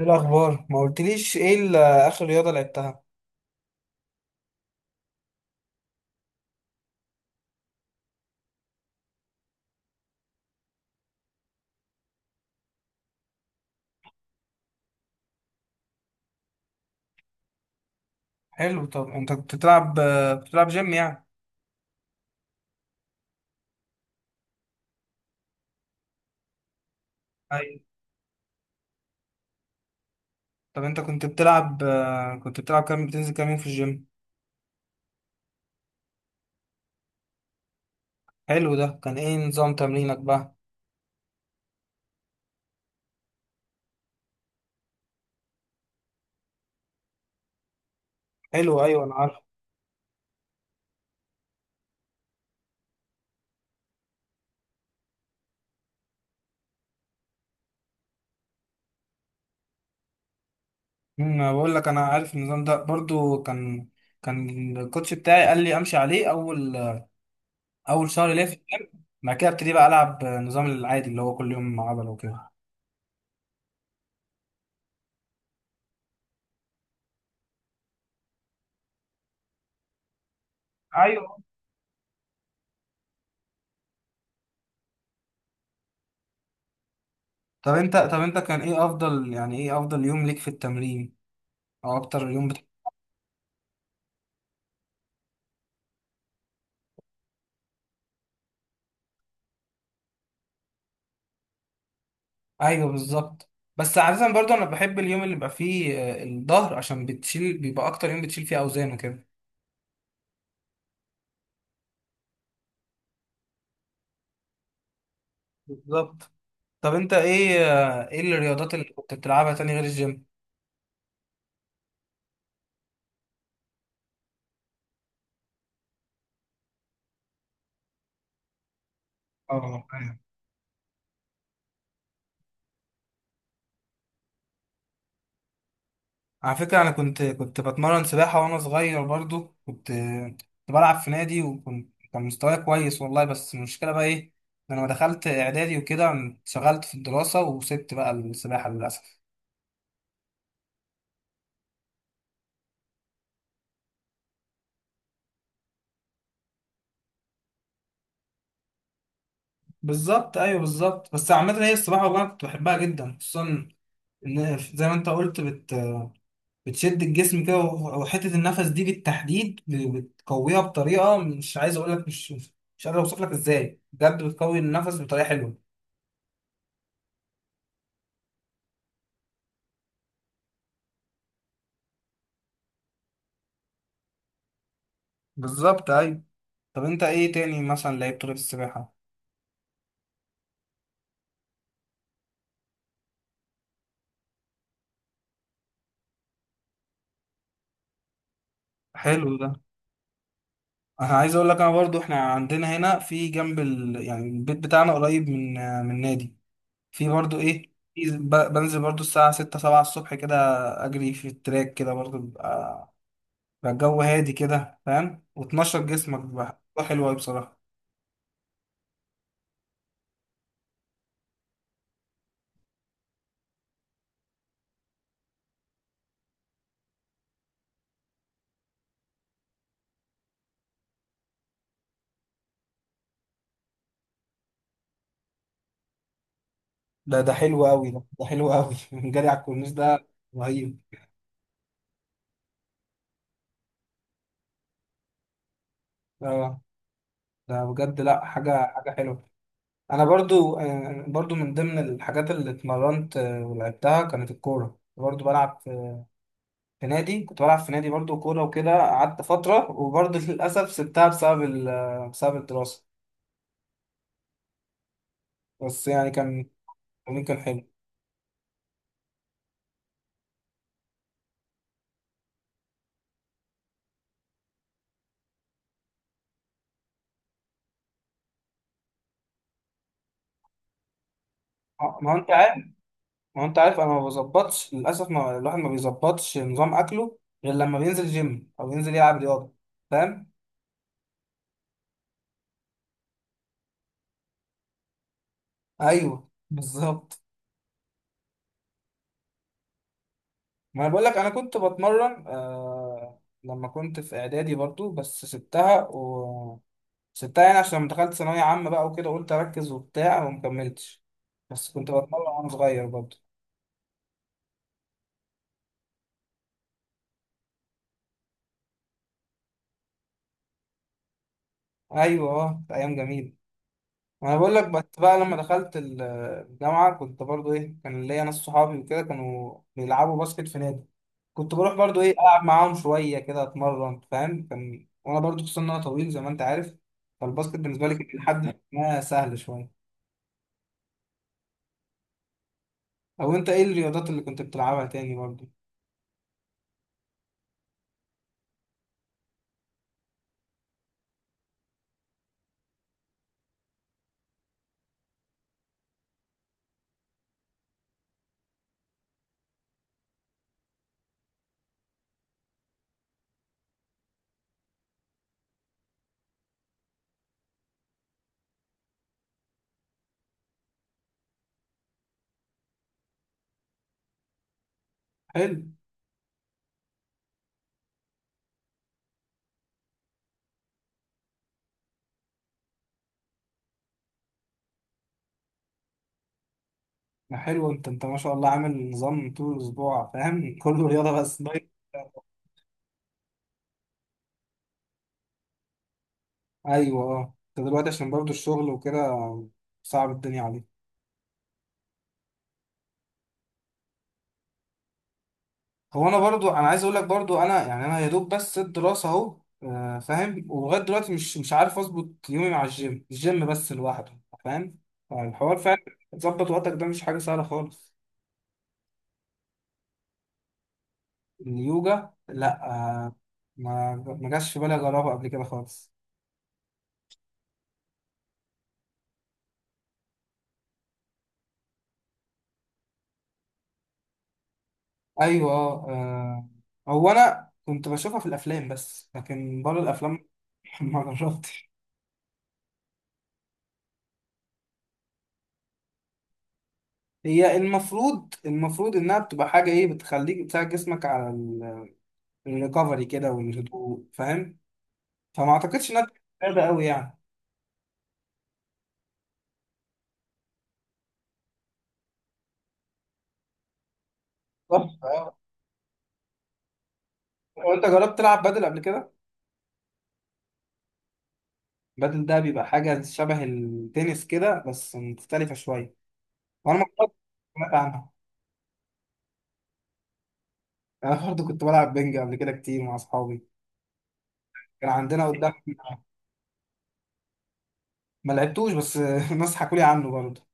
ايه الاخبار ما قلتليش ايه اخر رياضه لعبتها. حلو، طب انت كنت بتلعب، كنت بتلعب جيم يعني؟ ايوه. طب انت كنت بتلعب، كنت بتلعب كام، بتنزل كام يوم في الجيم؟ حلو، ده كان ايه نظام تمرينك بقى؟ حلو ايوه انا عارف. بقول لك انا عارف النظام ده برضو، كان الكوتش بتاعي قال لي امشي عليه اول، اول شهر ليا في الجيم، بعد كده ابتدي بقى العب، النظام العادي اللي هو كل يوم عضله وكده. ايوه. طب انت كان ايه افضل، يعني ايه افضل يوم ليك في التمرين او اكتر يوم؟ ايوه بالظبط. بس عادة برضو انا بحب اليوم اللي بيبقى فيه، الظهر، عشان بتشيل، بيبقى اكتر يوم بتشيل فيه اوزان وكده. بالظبط. طب انت ايه، ايه الرياضات اللي كنت بتلعبها تاني غير الجيم؟ اه ايوه. على فكرة انا كنت بتمرن سباحة وانا صغير برضو، كنت بلعب في نادي، وكنت كان مستواي كويس والله، بس المشكلة بقى ايه، إن انا لما دخلت اعدادي وكده انشغلت في الدراسة وسبت بقى السباحة للاسف. بالظبط ايوه بالظبط. بس عامة هي السباحة والله كنت بحبها جدا، خصوصا زي ما انت قلت، بتشد الجسم كده، وحته النفس دي بالتحديد بتقويها بطريقه، مش عايز اقول لك، مش قادر اوصف لك ازاي، بجد بتقوي النفس بطريقه حلوه. بالظبط ايوه. طب انت ايه تاني مثلا لعبت غير السباحه؟ حلو ده. انا عايز اقول لك، انا برضو احنا عندنا هنا في جنب يعني البيت بتاعنا قريب من، نادي، في برضو ايه، في بنزل برضو الساعه 6 7 الصبح كده، اجري في التراك كده برضو، بقى الجو هادي كده فاهم، وتنشط جسمك بقى، ده حلو قوي بصراحة. ده حلو قوي، ده حلو قوي جري على الكورنيش ده رهيب. اه ده بجد لا، حاجة حلوة. انا برضو، برضو من ضمن الحاجات اللي اتمرنت، ولعبتها كانت الكورة، برضو بلعب في، في نادي، كنت بلعب في نادي برضو كورة وكده قعدت فترة، وبرضو للأسف سبتها بسبب بسبب الدراسة. بس يعني كان، كان حلو. ما هو انت، ما هو انت عارف انا ما بظبطش للاسف، ما الواحد ما بيظبطش نظام اكله غير لما بينزل جيم او ينزل يلعب رياضه، فاهم. ايوه بالظبط. ما انا بقول لك، انا كنت بتمرن آه لما كنت في اعدادي برضو، بس سبتها و، سبتها يعني عشان لما دخلت ثانويه عامه بقى وكده قلت اركز وبتاع وما كملتش، بس كنت بتمرن وانا صغير برضو. ايوه اه كانت ايام جميله. ما انا بقول لك، بس بقى لما دخلت الجامعه، كنت برضو ايه، كان ليا ناس صحابي وكده كانوا بيلعبوا باسكت في نادي، كنت بروح برضو ايه العب معاهم شويه كده اتمرن فاهم، كان وانا برضو خصوصا ان انا طويل زي ما انت عارف، فالباسكت بالنسبه لي كان لحد ما سهل شويه. او انت ايه الرياضات اللي كنت بتلعبها تاني برضو؟ حلو. ما حلو انت ما شاء الله عامل نظام طول الاسبوع فاهم كله رياضه بس دايت. ايوه اه. انت دلوقتي عشان برضو الشغل وكده صعب الدنيا عليك. هو انا برضو، انا عايز اقول لك برضو، انا يعني انا يا دوب بس الدراسه اهو، فاهم، ولغايه دلوقتي مش عارف اظبط يومي مع الجيم، الجيم بس لوحده فاهم، فالحوار فعلا تظبط وقتك ده مش حاجه سهله خالص. اليوجا لا. آه، ما، ما جاش في بالي اجربها قبل كده خالص. ايوه هو انا كنت بشوفها في الافلام، بس لكن بره الافلام ما جربتش. هي المفروض، المفروض انها بتبقى حاجه ايه بتخليك، بتساعد جسمك على الريكفري كده والهدوء فاهم، فما اعتقدش انها بتبقى رياضه قوي يعني. صح آه. هو انت جربت تلعب بدل قبل كده؟ بدل ده بيبقى حاجه شبه التنس كده بس مختلفه شويه، وانا ما كنت، سمعت عنها. انا برضه كنت بلعب بنج قبل كده كتير مع اصحابي كان عندنا قدام. ما لعبتوش بس الناس حكوا لي عنه برضه.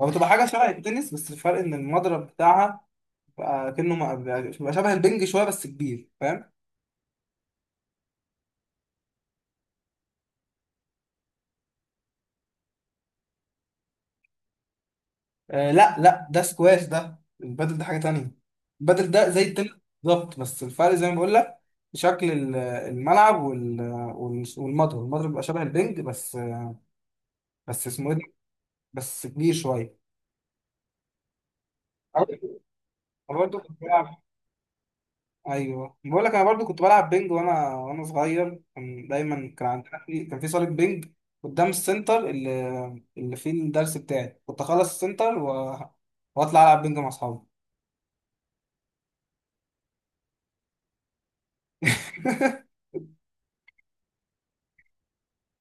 هو بتبقى حاجه شبه التنس، بس الفرق ان المضرب بتاعها بقى كأنه بيبقى شبه البنج شويه بس كبير فاهم. آه لا لا، ده سكواش، ده البادل ده حاجة تانية. البادل ده زي التنس بالظبط، بس الفرق زي ما بقول لك شكل الملعب، والمضرب، المضرب بيبقى شبه البنج بس، بس اسمه ايه ده؟ بس كبير شوية. انا برضو كنت بلعب. ايوه بقول لك انا برضو كنت بلعب بينج وانا صغير، كان دايما كان عندنا في، كان في صاله بينج قدام السنتر اللي، اللي فيه الدرس بتاعي، كنت اخلص السنتر واطلع العب بينج مع اصحابي.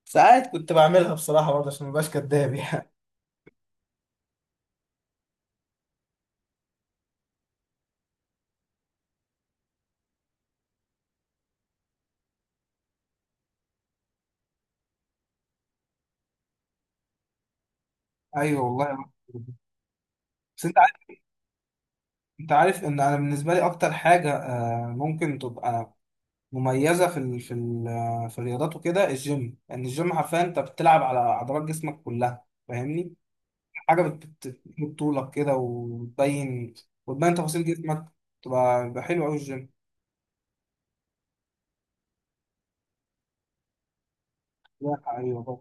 ساعات كنت بعملها بصراحة برضه عشان مبقاش كداب يعني. ايوه والله. بس انت عارف، انت عارف ان انا بالنسبه لي اكتر حاجه، ممكن تبقى مميزه في في في الرياضات وكده، الجيم يعني، الجيم حرفيا انت بتلعب على عضلات جسمك كلها فاهمني، حاجه بتمد طولك كده وتبين، وتبين تفاصيل جسمك، تبقى بيبقى حلو قوي الجيم. لا، ايوه طبعا.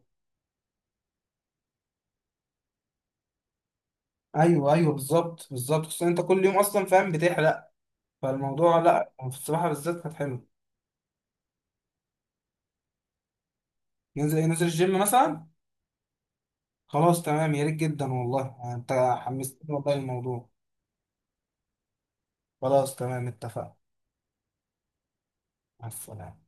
ايوه ايوه بالظبط بالظبط، خصوصا انت كل يوم اصلا فاهم بتحرق، فالموضوع لا في السباحه بالذات كانت حلوه. ننزل الجيم مثلا. خلاص تمام يا ريت جدا والله، انت حمستني والله الموضوع. خلاص تمام اتفقنا. مع السلامة.